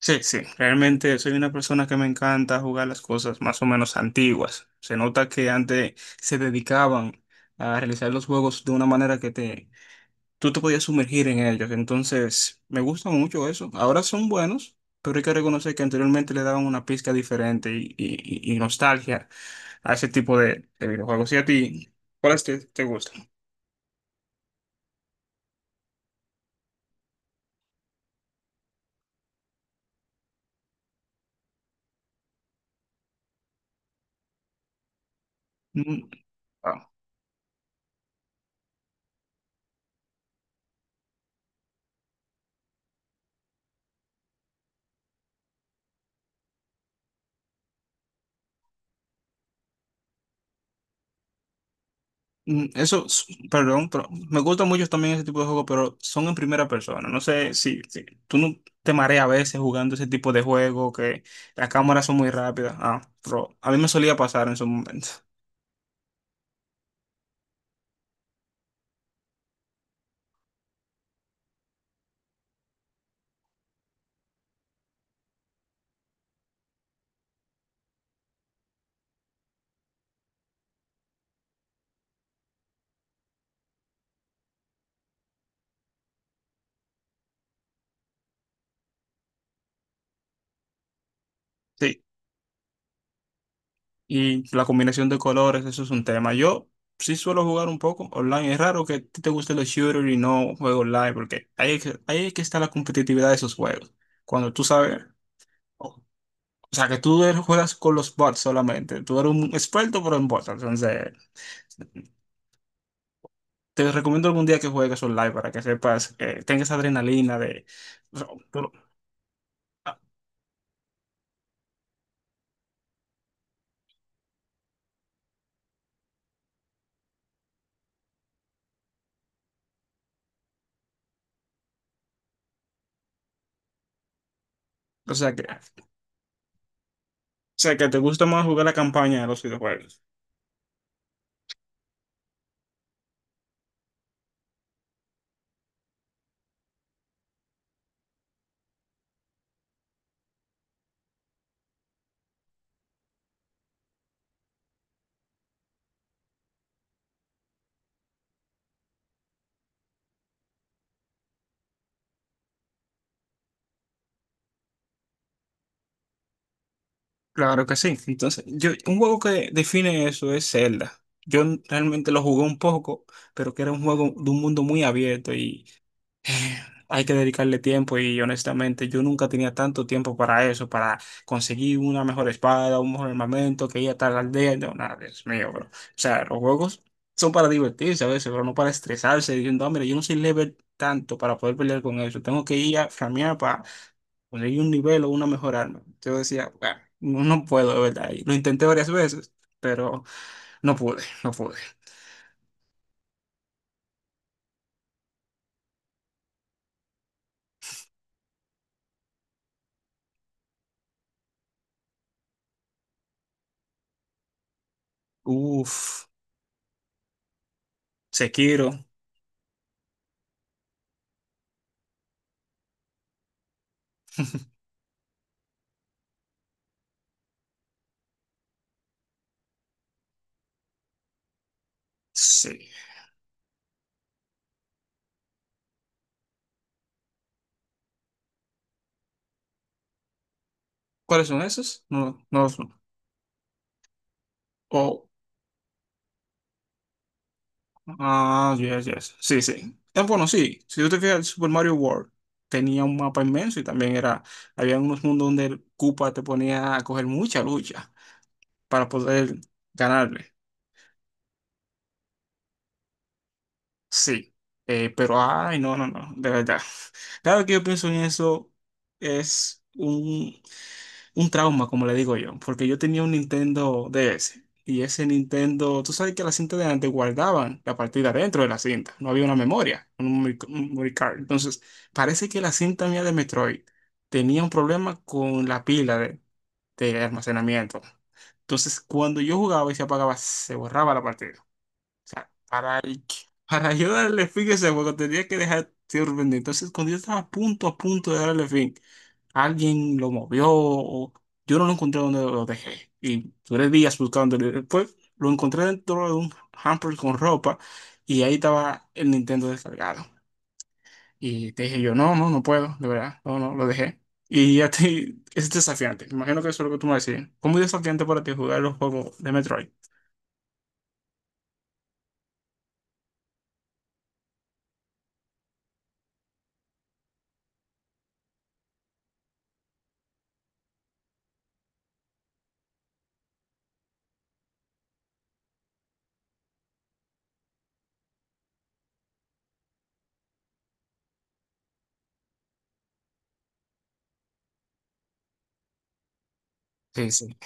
Sí, sí, realmente soy una persona que me encanta jugar las cosas más o menos antiguas. Se nota que antes se dedicaban a realizar los juegos de una manera que tú te podías sumergir en ellos. Entonces, me gusta mucho eso. Ahora son buenos, pero hay que reconocer que anteriormente le daban una pizca diferente y nostalgia a ese tipo de videojuegos. ¿Y a ti, cuáles te gustan? Mm, ah. Mm, perdón, pero me gusta mucho también ese tipo de juegos, pero son en primera persona. No sé si tú no te mareas a veces jugando ese tipo de juego, que las cámaras son muy rápidas. Ah, pero a mí me solía pasar en su momento. Sí, y la combinación de colores, eso es un tema. Yo sí suelo jugar un poco online. Es raro que a ti te gusten los shooters y no juego online, porque ahí es que está la competitividad de esos juegos. Cuando tú sabes, o o sea, que juegas con los bots solamente. Tú eres un experto, pero en bots. Entonces, te recomiendo algún día que juegues online para que sepas, que tengas esa adrenalina de... O sea, tú- o sea, que te gusta más jugar la campaña de los videojuegos. Claro que sí. Entonces, yo, un juego que define eso es Zelda. Realmente lo jugué un poco, pero que era un juego de un mundo muy abierto y hay que dedicarle tiempo y honestamente yo nunca tenía tanto tiempo para eso, para conseguir una mejor espada, un mejor armamento, que ir a tal aldea. No, nada, Dios mío, bro. O sea, los juegos son para divertirse a veces, pero no para estresarse diciendo, ah, mira, yo no soy level tanto para poder pelear con eso. Tengo que ir a farmear para conseguir un nivel o una mejor arma. Yo decía: "Bueno, no, no puedo, de verdad." Y lo intenté varias veces, pero no pude, no pude. Uf, Sekiro, sí. ¿Cuáles son esos? No, no los... Oh, ah, yes, yes. Sí, sí. Bueno, sí, si tú te fijas, el Super Mario World tenía un mapa inmenso y también era, había unos mundos donde el Koopa te ponía a coger mucha lucha para poder ganarle. Sí, eh, pero ay, no, no, no, de verdad. Cada vez que yo pienso en eso es un trauma, como le digo yo, porque yo tenía un Nintendo DS y ese Nintendo, tú sabes que la cinta de antes guardaban la partida dentro de la cinta, no había una memoria, un memory card. Entonces, parece que la cinta mía de Metroid tenía un problema con la pila de almacenamiento. Entonces, cuando yo jugaba y se apagaba, se borraba la partida sea, para yo darle fin a ese juego tenía que dejar sirviendo. Entonces, cuando yo estaba a punto de darle fin, alguien lo movió o yo no lo encontré donde lo dejé. Y duré días buscándolo. Después lo encontré dentro de un hamper con ropa y ahí estaba el Nintendo descargado. Y te dije yo, no, no, no puedo, de verdad, no, no, lo dejé. Y a ti es desafiante. Me imagino que eso es lo que tú me decías. ¿Cómo es desafiante para ti jugar los juegos de Metroid? Sí, sí.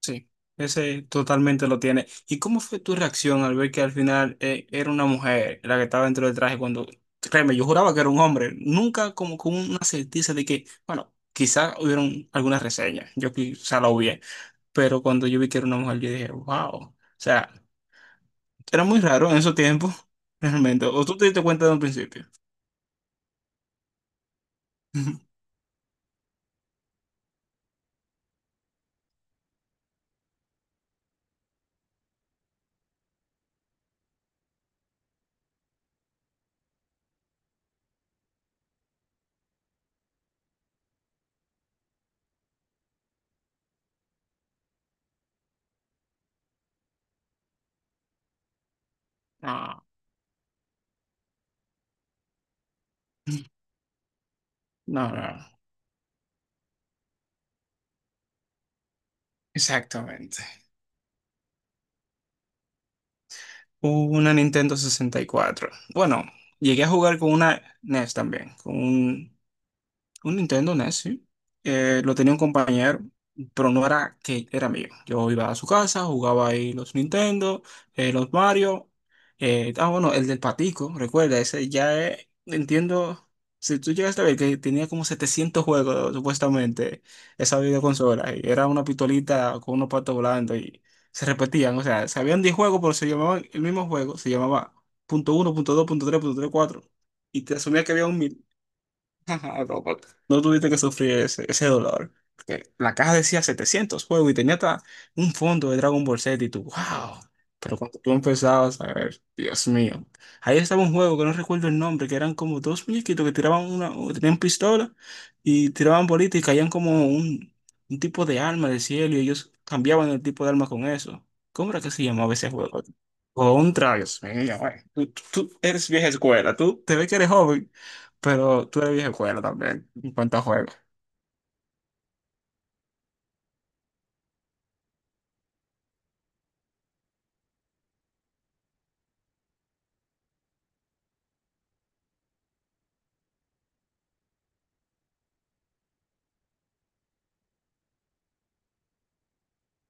Sí, ese totalmente lo tiene. ¿Y cómo fue tu reacción al ver que al final era una mujer la que estaba dentro del traje cuando, créeme, yo juraba que era un hombre, nunca como con una certeza de que, bueno, quizás hubieron algunas reseñas, yo quizá la hubiera, pero cuando yo vi que era una mujer, yo dije, wow, o sea, era muy raro en esos tiempos, realmente, o tú te diste cuenta de un principio. No, no, no, exactamente. Una Nintendo 64. Bueno, llegué a jugar con una NES también, con un Nintendo NES, sí. Lo tenía un compañero, pero no era que era mío. Yo iba a su casa, jugaba ahí los Nintendo, los Mario. Ah, bueno, el del patico, recuerda, ese ya es, entiendo, si tú llegaste a ver que tenía como 700 juegos, supuestamente, esa videoconsola, y era una pistolita con unos patos volando y se repetían, o sea, sabían habían 10 juegos, pero se llamaban el mismo juego, se llamaba punto uno, punto dos, punto tres, cuatro, y te asumía que había un... No, no tuviste que sufrir ese dolor. Que la caja decía 700 juegos y tenía hasta un fondo de Dragon Ball Z y tú, wow. Pero cuando tú empezabas a ver, Dios mío. Ahí estaba un juego que no recuerdo el nombre, que eran como dos muñequitos que tiraban una, tenían pistola y tiraban bolitas y caían como un tipo de arma del cielo y ellos cambiaban el tipo de arma con eso. ¿Cómo era que se llamaba ese juego? Contra, Dios mío, güey. Tú eres vieja escuela, tú te ves que eres joven. Pero tú eres vieja escuela también, en cuanto a juegos.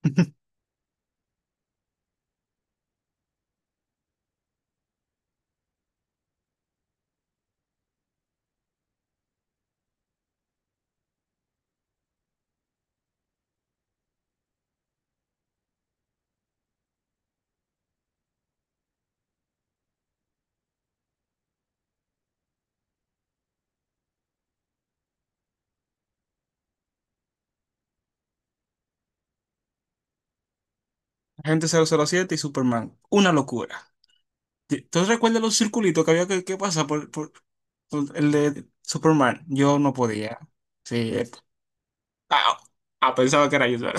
Agente 007 y Superman. Una locura. ¿Tú recuerdas los circulitos que había que pasar por el de Superman? Yo no podía. Sí. Ah, ah, pensaba que era yo, solo.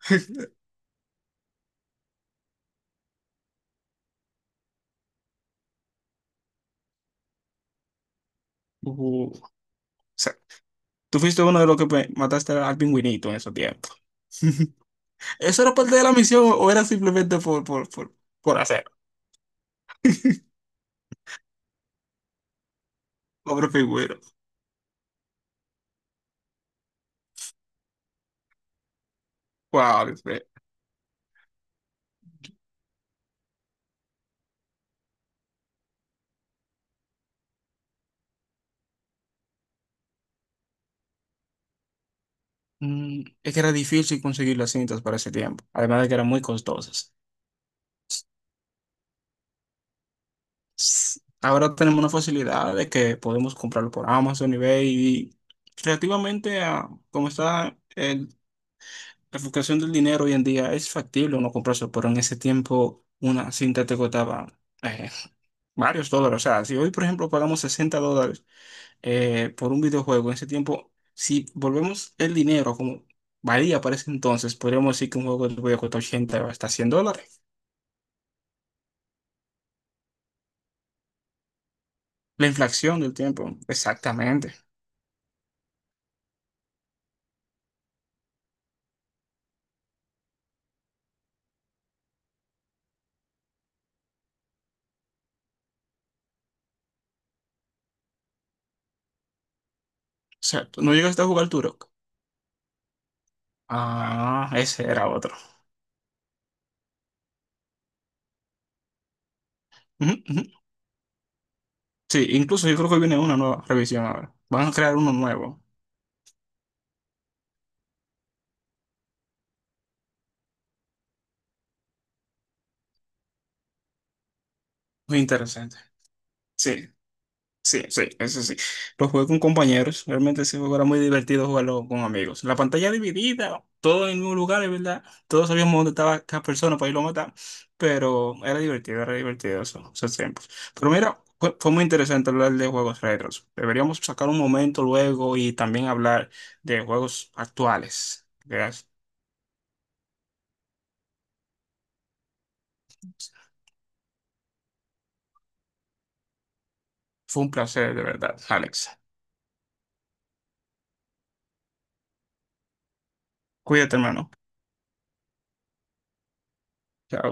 O sea, tú fuiste uno de los que mataste al pingüinito en esos tiempos. ¿Eso era parte de la misión o era simplemente por hacer? Pobre pingüino. Wow, es que era difícil conseguir las cintas para ese tiempo, además de que eran muy costosas. Ahora tenemos una facilidad de que podemos comprarlo por Amazon, eBay y relativamente a cómo está la fluctuación del dinero hoy en día, es factible uno comprarse, pero en ese tiempo una cinta te costaba eh, varios dólares. O sea, si hoy, por ejemplo, pagamos $60 por un videojuego en ese tiempo, si volvemos el dinero como valía para ese entonces, podríamos decir que un juego de videojuego cuesta 80 o hasta $100. La inflación del tiempo, exactamente. O sea, ¿tú no llegaste a jugar Turok? Ah, ese era otro. Ujú, ujú. Sí, incluso yo creo que viene una nueva revisión ahora. Van a crear uno nuevo. Muy interesante. Sí, sí, sí, eso sí. Lo jugué con compañeros. Realmente ese juego era muy divertido jugarlo con amigos. La pantalla dividida, todo en el mismo lugar, es verdad. Todos sabíamos dónde estaba cada persona para irlo a matar. Pero era divertido eso, esos tiempos. Pero mira, fue muy interesante hablar de juegos retros. Deberíamos sacar un momento luego y también hablar de juegos actuales. Verás, fue un placer, de verdad, Alex. Cuídate, hermano. Chao.